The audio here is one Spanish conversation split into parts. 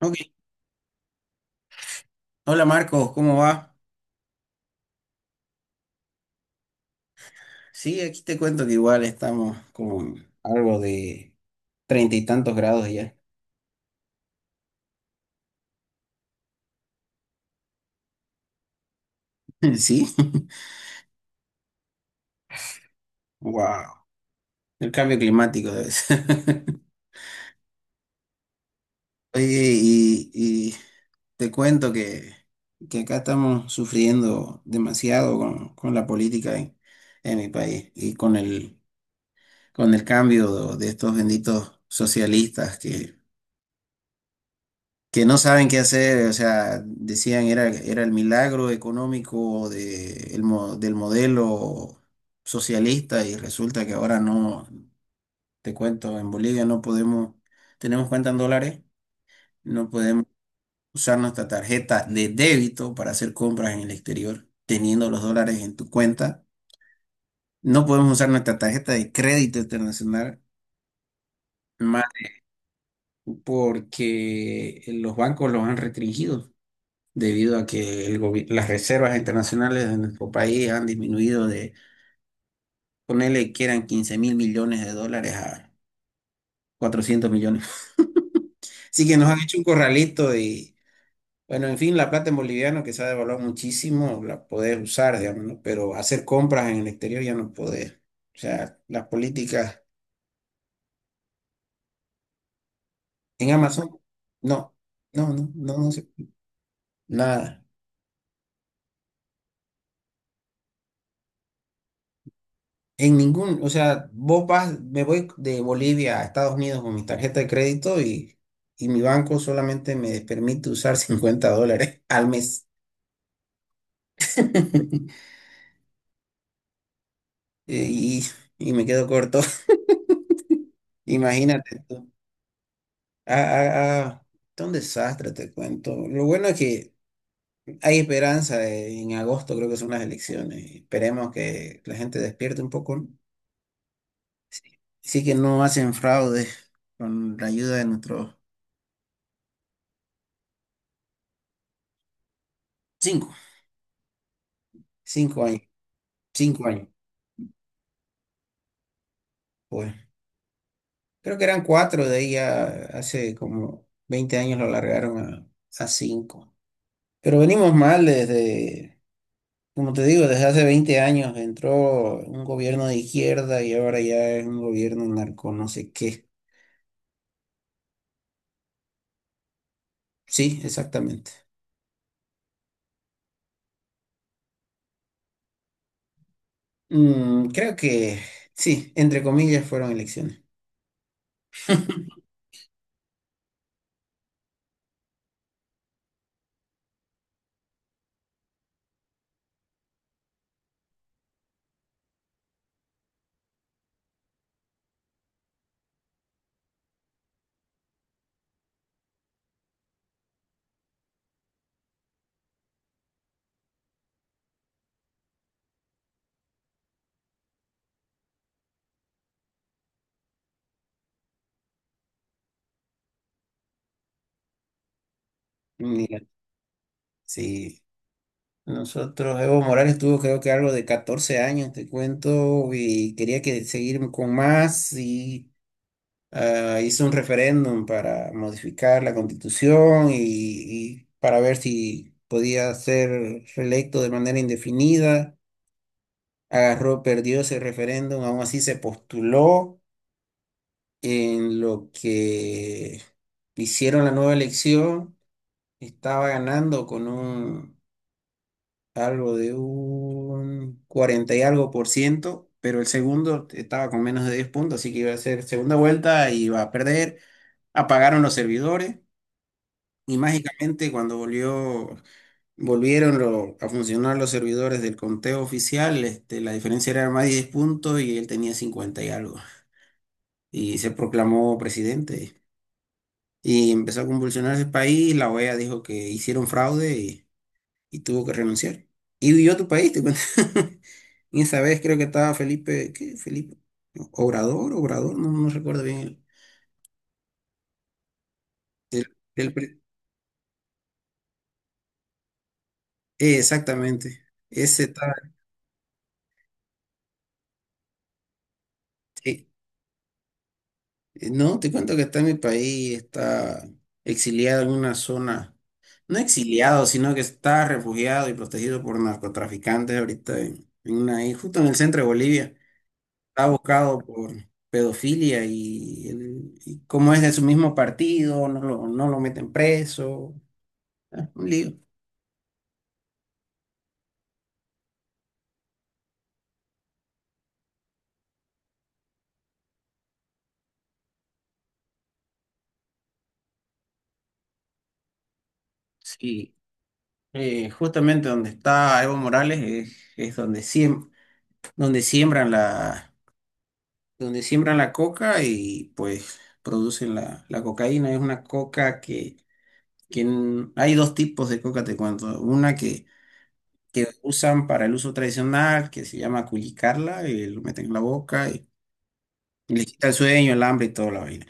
Ok. Hola Marcos, ¿cómo va? Sí, aquí te cuento que igual estamos con algo de treinta y tantos grados ya. ¿Sí? Wow. El cambio climático debe ser. Oye, y te cuento que acá estamos sufriendo demasiado con la política en mi país y con el cambio de estos benditos socialistas que no saben qué hacer. O sea, decían era el milagro económico del modelo socialista, y resulta que ahora no. Te cuento, en Bolivia no podemos, tenemos cuenta en dólares, no podemos usar nuestra tarjeta de débito para hacer compras en el exterior, teniendo los dólares en tu cuenta. No podemos usar nuestra tarjeta de crédito internacional. Más porque los bancos los han restringido. Debido a que las reservas internacionales de nuestro país han disminuido de... Ponele que eran 15.000 millones de dólares a 400 millones. Así que nos han hecho un corralito y, bueno, en fin, la plata en boliviano, que se ha devaluado muchísimo, la podés usar, digamos, ¿no? Pero hacer compras en el exterior ya no podés. O sea, las políticas en Amazon, no, no, no, no, no, sé, nada. En ningún, o sea, vos vas, me voy de Bolivia a Estados Unidos con mi tarjeta de crédito, y mi banco solamente me permite usar $50 al mes. Y, y me quedo corto. Imagínate tú. Ah, ah, ah, está un desastre, te cuento. Lo bueno es que hay esperanza. En agosto creo que son las elecciones y esperemos que la gente despierte un poco, ¿no? Sí, sí que no hacen fraude con la ayuda de nuestros cinco, 5 años, 5 años. Pues creo que eran cuatro, de ahí ya hace como 20 años lo largaron a cinco. Pero venimos mal desde, como te digo, desde hace 20 años entró un gobierno de izquierda, y ahora ya es un gobierno narco, no sé qué. Sí, exactamente. Creo que sí, entre comillas fueron elecciones. Mira, sí. Nosotros, Evo Morales tuvo, creo que, algo de 14 años, te cuento, y quería que seguir con más, y hizo un referéndum para modificar la constitución, y para ver si podía ser reelecto de manera indefinida. Agarró, perdió ese referéndum, aún así se postuló en lo que hicieron la nueva elección. Estaba ganando con un algo de un 40 y algo por ciento, pero el segundo estaba con menos de 10 puntos, así que iba a ser segunda vuelta y iba a perder. Apagaron los servidores, y mágicamente cuando volvió, volvieron a funcionar los servidores del conteo oficial. Este, la diferencia era más de 10 puntos y él tenía 50 y algo. Y se proclamó presidente. Y empezó a convulsionar el país. La OEA dijo que hicieron fraude, y tuvo que renunciar. Y huyó a tu país, te cuento. Y esa vez creo que estaba Felipe... ¿Qué? Felipe, Obrador. Obrador, no, no recuerdo bien el- el pre- exactamente. Ese estaba, sí. No, te cuento que está en mi país, está exiliado en una zona, no exiliado, sino que está refugiado y protegido por narcotraficantes ahorita en una isla, justo en el centro de Bolivia. Está buscado por pedofilia, y como es de su mismo partido, no lo meten preso. Ah, un lío. Sí, justamente donde está Evo Morales es donde, donde siembran la... donde siembran la coca, y pues producen la cocaína. Es una coca... Hay dos tipos de coca, te cuento. Una que usan para el uso tradicional, que se llama culicarla, y lo meten en la boca, y les quita el sueño, el hambre y toda la vaina.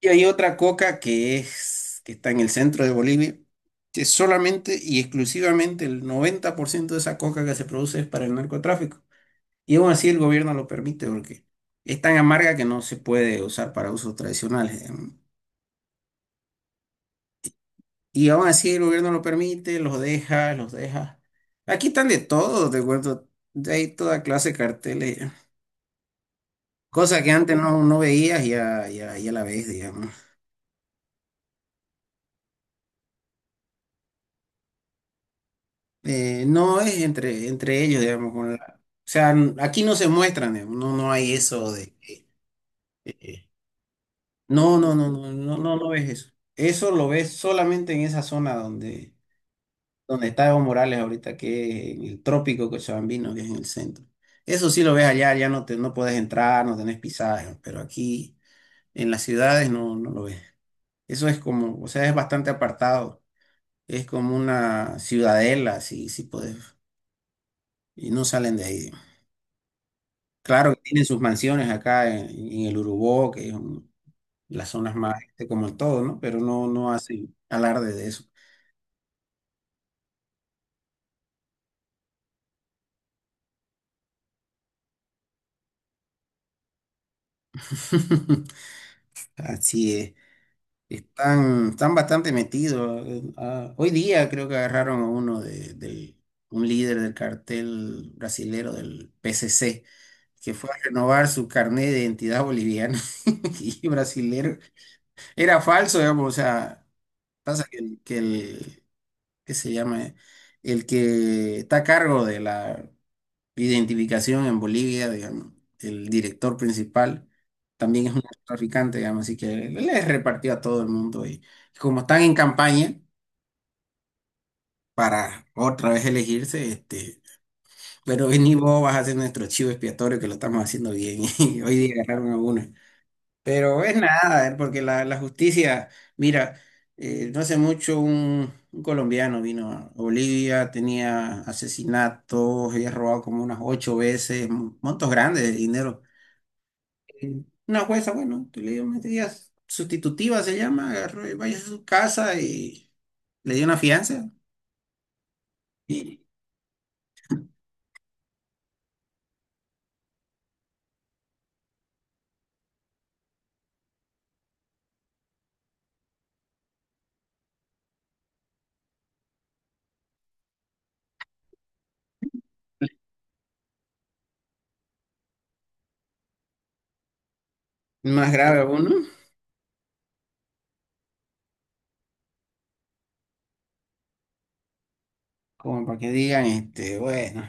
Y hay otra coca que está en el centro de Bolivia, que solamente y exclusivamente el 90% de esa coca que se produce es para el narcotráfico. Y aún así el gobierno lo permite porque es tan amarga que no se puede usar para usos tradicionales, digamos. Y aún así el gobierno lo permite, los deja, los deja. Aquí están de todo, te cuento. De ahí toda clase de carteles. Cosa que antes no veías, ya, ya, ya la ves, digamos. No es entre ellos, digamos. O sea, aquí no se muestran, digamos. No, no hay eso de... eh, no, no, no, no, no, no, no ves eso. Eso lo ves solamente en esa zona donde está Evo Morales ahorita, que es en el trópico cochabambino, que es en el centro. Eso sí lo ves allá. Ya no te... No puedes entrar, no tenés pisaje, pero aquí en las ciudades no lo ves. Eso es como, o sea, es bastante apartado, es como una ciudadela, si podés, y no salen de ahí. Claro que tienen sus mansiones acá en el Urubó, que es las zonas más, este, como en todo, ¿no? Pero no hacen alarde de eso. Así es. Están bastante metidos. Hoy día creo que agarraron a uno un líder del cartel brasilero del PCC, que fue a renovar su carnet de identidad boliviana y brasilero. Era falso, digamos. O sea, pasa que que se llama, el que está a cargo de la identificación en Bolivia, digamos, el director principal, también es un traficante, digamos. Así que le repartió a todo el mundo, y como están en campaña para otra vez elegirse, este, pero vení, vos vas a ser nuestro chivo expiatorio, que lo estamos haciendo bien. Y hoy día agarraron a uno. Pero es nada, porque la justicia, mira, no hace mucho un colombiano vino a Bolivia, tenía asesinatos, había robado como unas ocho veces, montos grandes de dinero. Y una jueza, bueno, tú le dio medidas sustitutiva, se llama, agarró y vaya a su casa y le dio una fianza. Y más grave aún, ¿no? Como para que digan, este, bueno,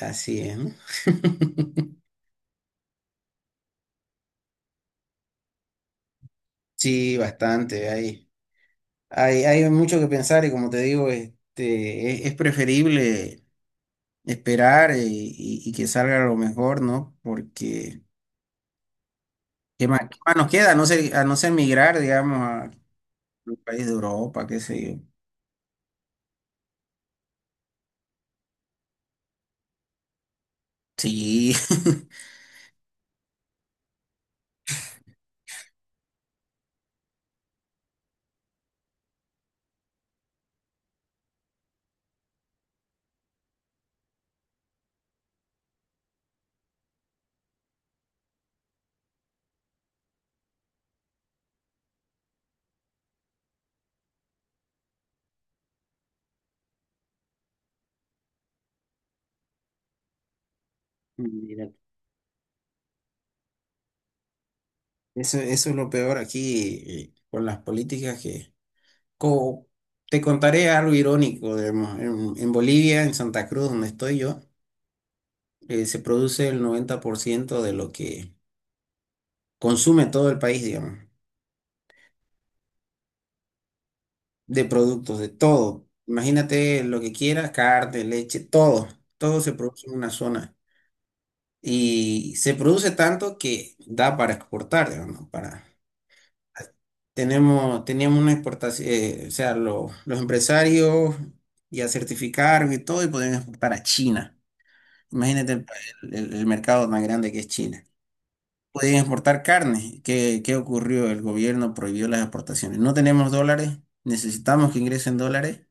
así es, ¿no? Sí, bastante ahí. Hay mucho que pensar, y como te digo, este, es preferible esperar, y que salga lo mejor, ¿no? Porque, qué más nos queda? A no ser migrar, digamos, a un país de Europa, qué sé yo. Sí. Mira, eso es lo peor aquí, con las políticas que... co- Te contaré algo irónico, digamos, en Bolivia, en Santa Cruz, donde estoy yo, se produce el 90% de lo que consume todo el país, digamos. De productos, de todo. Imagínate lo que quieras: carne, leche, todo. Todo se produce en una zona. Y se produce tanto que da para exportar, digamos, ¿no? Para... Teníamos una exportación, o sea, los empresarios ya certificaron y todo, y podían exportar a China. Imagínate el mercado tan grande que es China. Podían exportar carne. ¿Qué ocurrió? El gobierno prohibió las exportaciones. No tenemos dólares, necesitamos que ingresen dólares,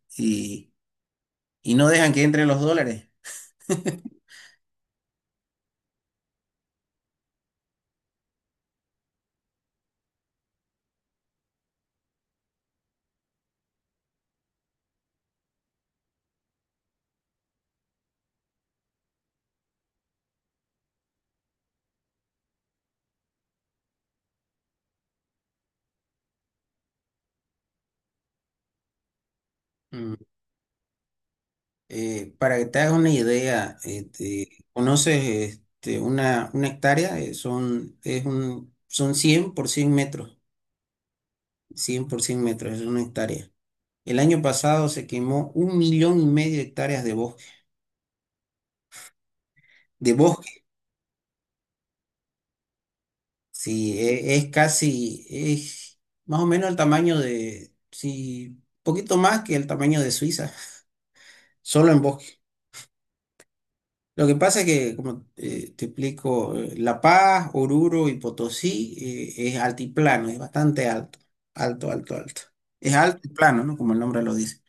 y no dejan que entren los dólares. Mm. Para que te hagas una idea, este, conoces este, una hectárea. Son 100 por 100 metros. 100 por 100 metros es una hectárea. El año pasado se quemó 1,5 millones de hectáreas de bosque. De bosque. Sí, casi, es más o menos el tamaño de, sí, poquito más que el tamaño de Suiza, solo en bosque. Lo que pasa es que, como... te explico, La Paz, Oruro y Potosí, es altiplano, es bastante alto, alto, alto, alto. Es alto y plano, ¿no? Como el nombre lo dice.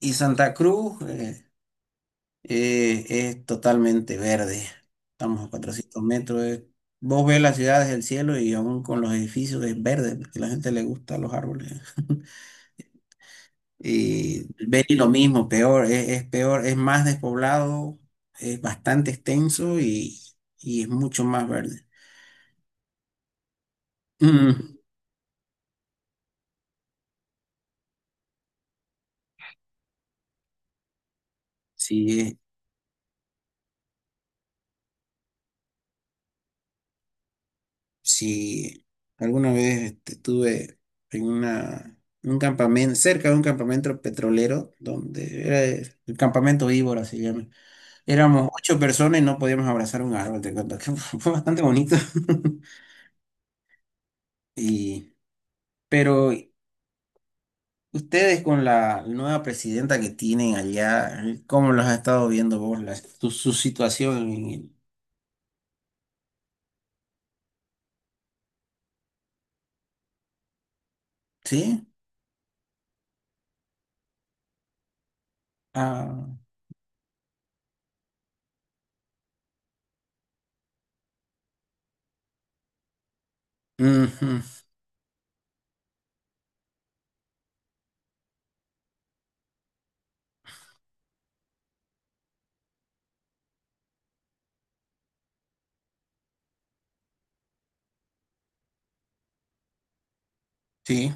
Y Santa Cruz, es totalmente verde. Estamos a 400 metros. Vos ves las ciudades del cielo y aún con los edificios es verde, porque a la gente le gustan los árboles. Y Beni lo mismo. Peor, es peor, es más despoblado, es bastante extenso, y es mucho más verde. Mm, sí. Sí, alguna vez, este, estuve en un campamento, cerca de un campamento petrolero, donde era el campamento víbora, se llama. Éramos ocho personas y no podíamos abrazar un árbol, te cuento que fue bastante bonito. Y, pero Ustedes con la nueva presidenta que tienen allá, ¿cómo los has estado viendo vos su situación? ¿Sí? Ah, ujú, sí.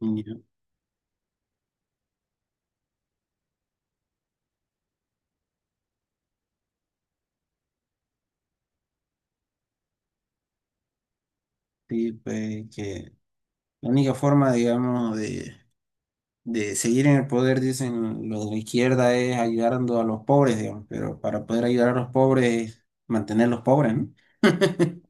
Ya, sí, pues que la única forma, digamos, de seguir en el poder, dicen los de la izquierda, es ayudando a los pobres, digamos, pero para poder ayudar a los pobres es mantenerlos pobres, ¿no?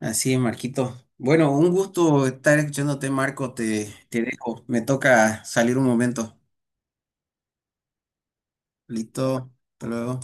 Así es, Marquito. Bueno, un gusto estar escuchándote, Marco. Te dejo. Me toca salir un momento. Listo. Hasta luego.